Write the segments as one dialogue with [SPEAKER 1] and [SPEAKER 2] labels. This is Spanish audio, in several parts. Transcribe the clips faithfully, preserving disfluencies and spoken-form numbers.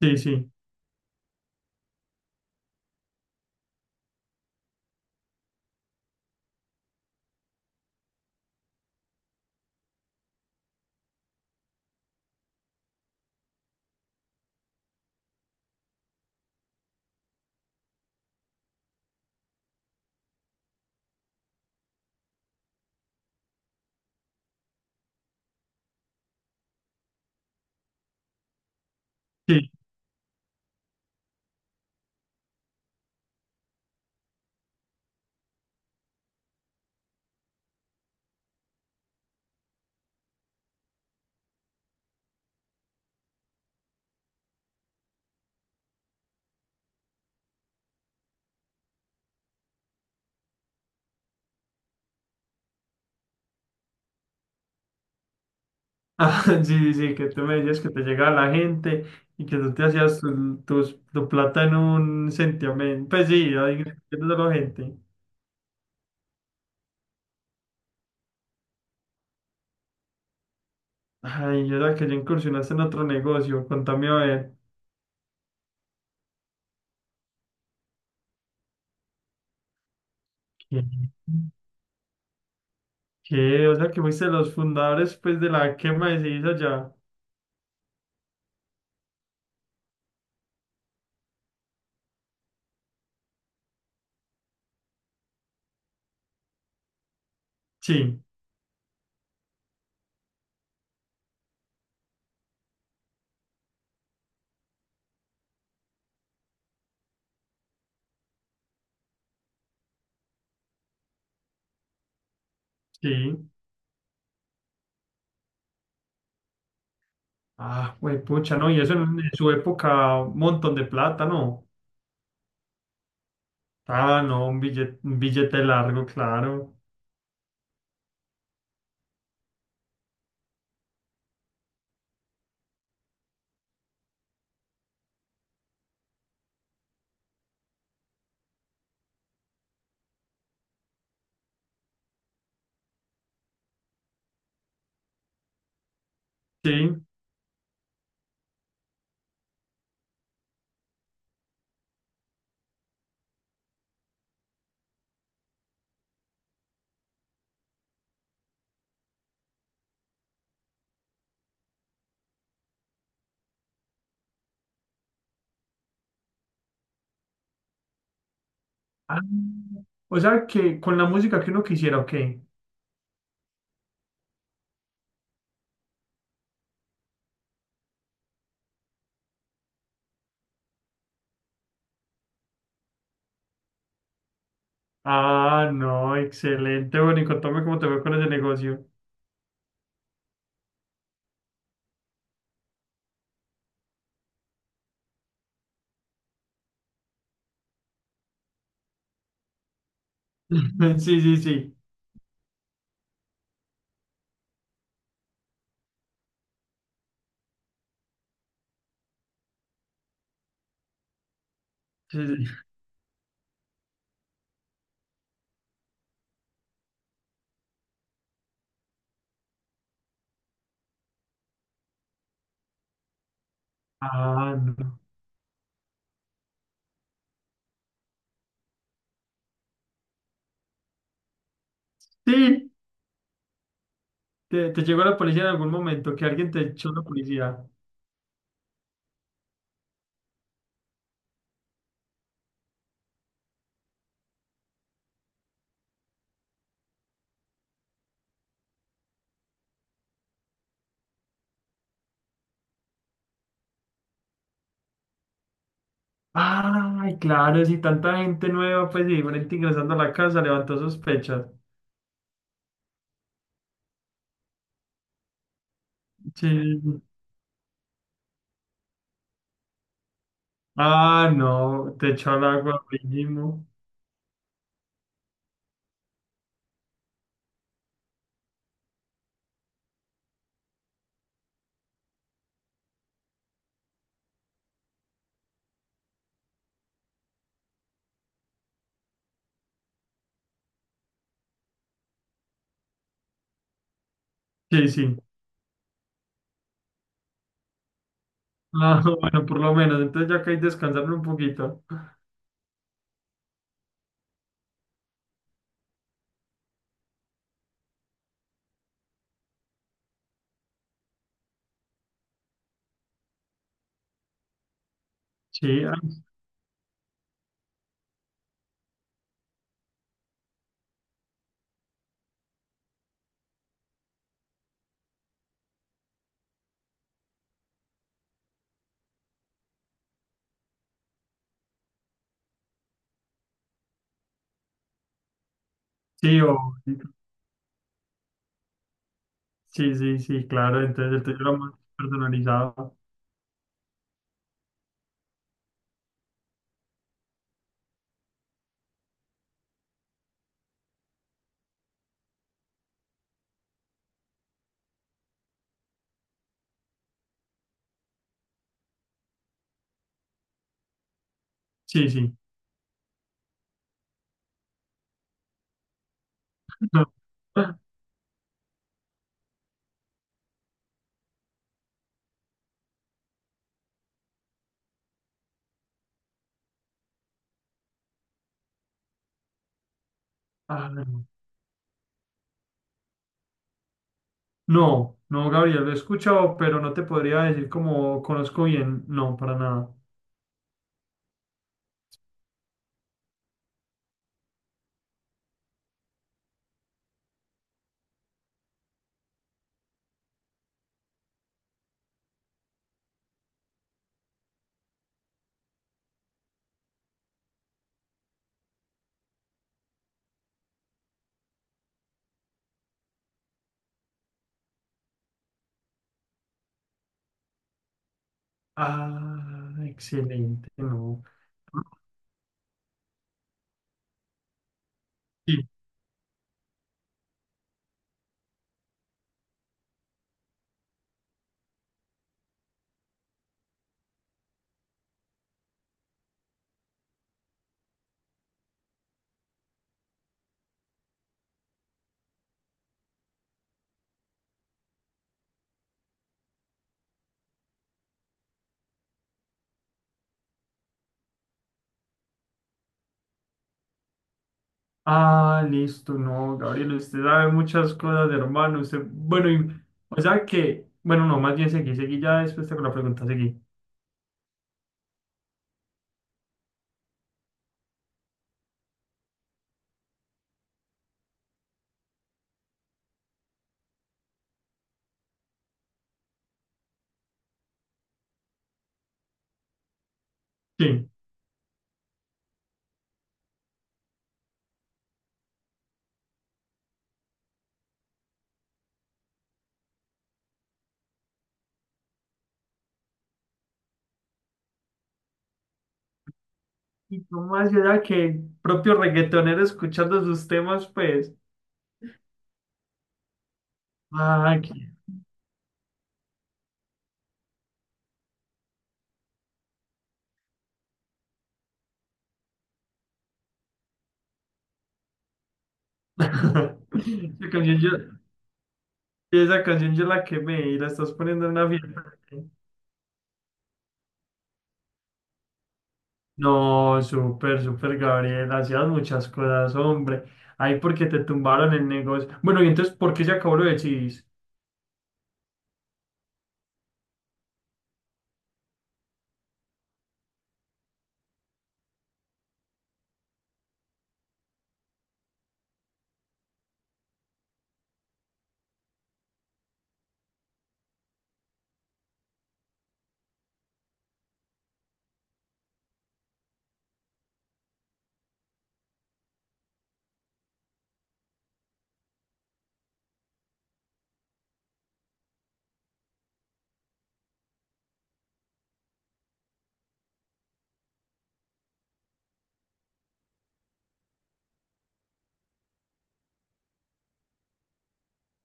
[SPEAKER 1] Sí, sí, sí. Ah, sí, sí, sí, que tú me decías que te llegaba la gente y que tú te hacías tu, tus- tu plata en un sentimiento. Pues sí, ahí de la gente. Ay, yo era que ya incursionaste en otro negocio, contame a ver. ¿Qué? ¿Qué? O sea, que fuiste de los fundadores, pues, de la quema de ceniza allá. Sí, sí. Ah, güey, pucha, no, y eso en, en su época, un montón de plata, ¿no? Ah, no, un billete, un billete largo, claro. Sí. Ah, o sea que con la música que uno quisiera, ok. Ah, no, excelente. Bueno, y contame cómo te fue con ese negocio. Sí, sí, sí. Sí, sí. Ah, no. Sí, te, te llegó la policía en algún momento, que alguien te echó la policía. Ay, claro, si tanta gente nueva, pues y diferente ingresando a la casa, levantó sospechas. Sí. Ah, no, te echó al agua, primo. Sí, sí. Ah, bueno, por lo menos, entonces ya que hay descansar un poquito. Sí, Sí, o, sí, sí, sí, claro, entonces el tuyo era más personalizado. Sí, sí. Ah, no. No, no, Gabriel, lo he escuchado, pero no te podría decir como conozco bien. No, para nada. Ah, excelente, no. Sí. Ah, listo, no, Gabriel, usted sabe muchas cosas, hermano. Usted, bueno, y- o sea que, bueno, no, más bien seguí, seguí ya después con la pregunta, seguí. Sí. Y tú más allá que el propio reggaetonero escuchando sus temas, pues. Ah, qué- Esa canción yo, esa canción yo la quemé y la estás poniendo en una fiesta. No, súper, súper, Gabriel. Hacías muchas cosas, hombre. Ahí porque te tumbaron el negocio. Bueno, y entonces, ¿por qué se acabó lo de Chis?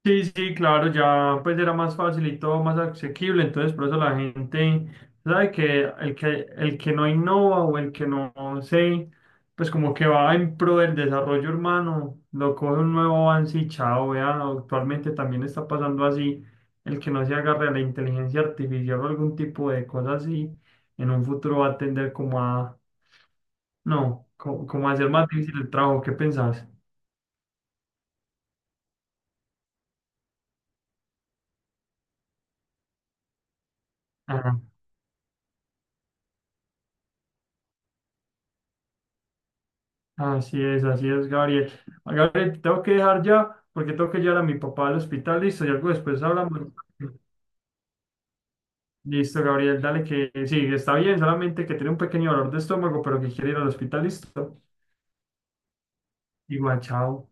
[SPEAKER 1] Sí, sí, claro, ya pues era más fácil y todo más asequible, entonces por eso la gente sabe que el que el que no innova o el que no se pues como que va en pro del desarrollo urbano, lo coge un nuevo avance y chao, vea, actualmente también está pasando así, el que no se agarre a la inteligencia artificial o algún tipo de cosa así, en un futuro va a tender como a no, co- como, a hacer más difícil el trabajo, ¿qué pensás? Así es, así es, Gabriel. Gabriel, tengo que dejar ya porque tengo que llevar a mi papá al hospital. Listo, y algo después hablamos. Listo, Gabriel, dale que sí, está bien, solamente que tiene un pequeño dolor de estómago, pero que quiere ir al hospital. Listo. Igual, chao.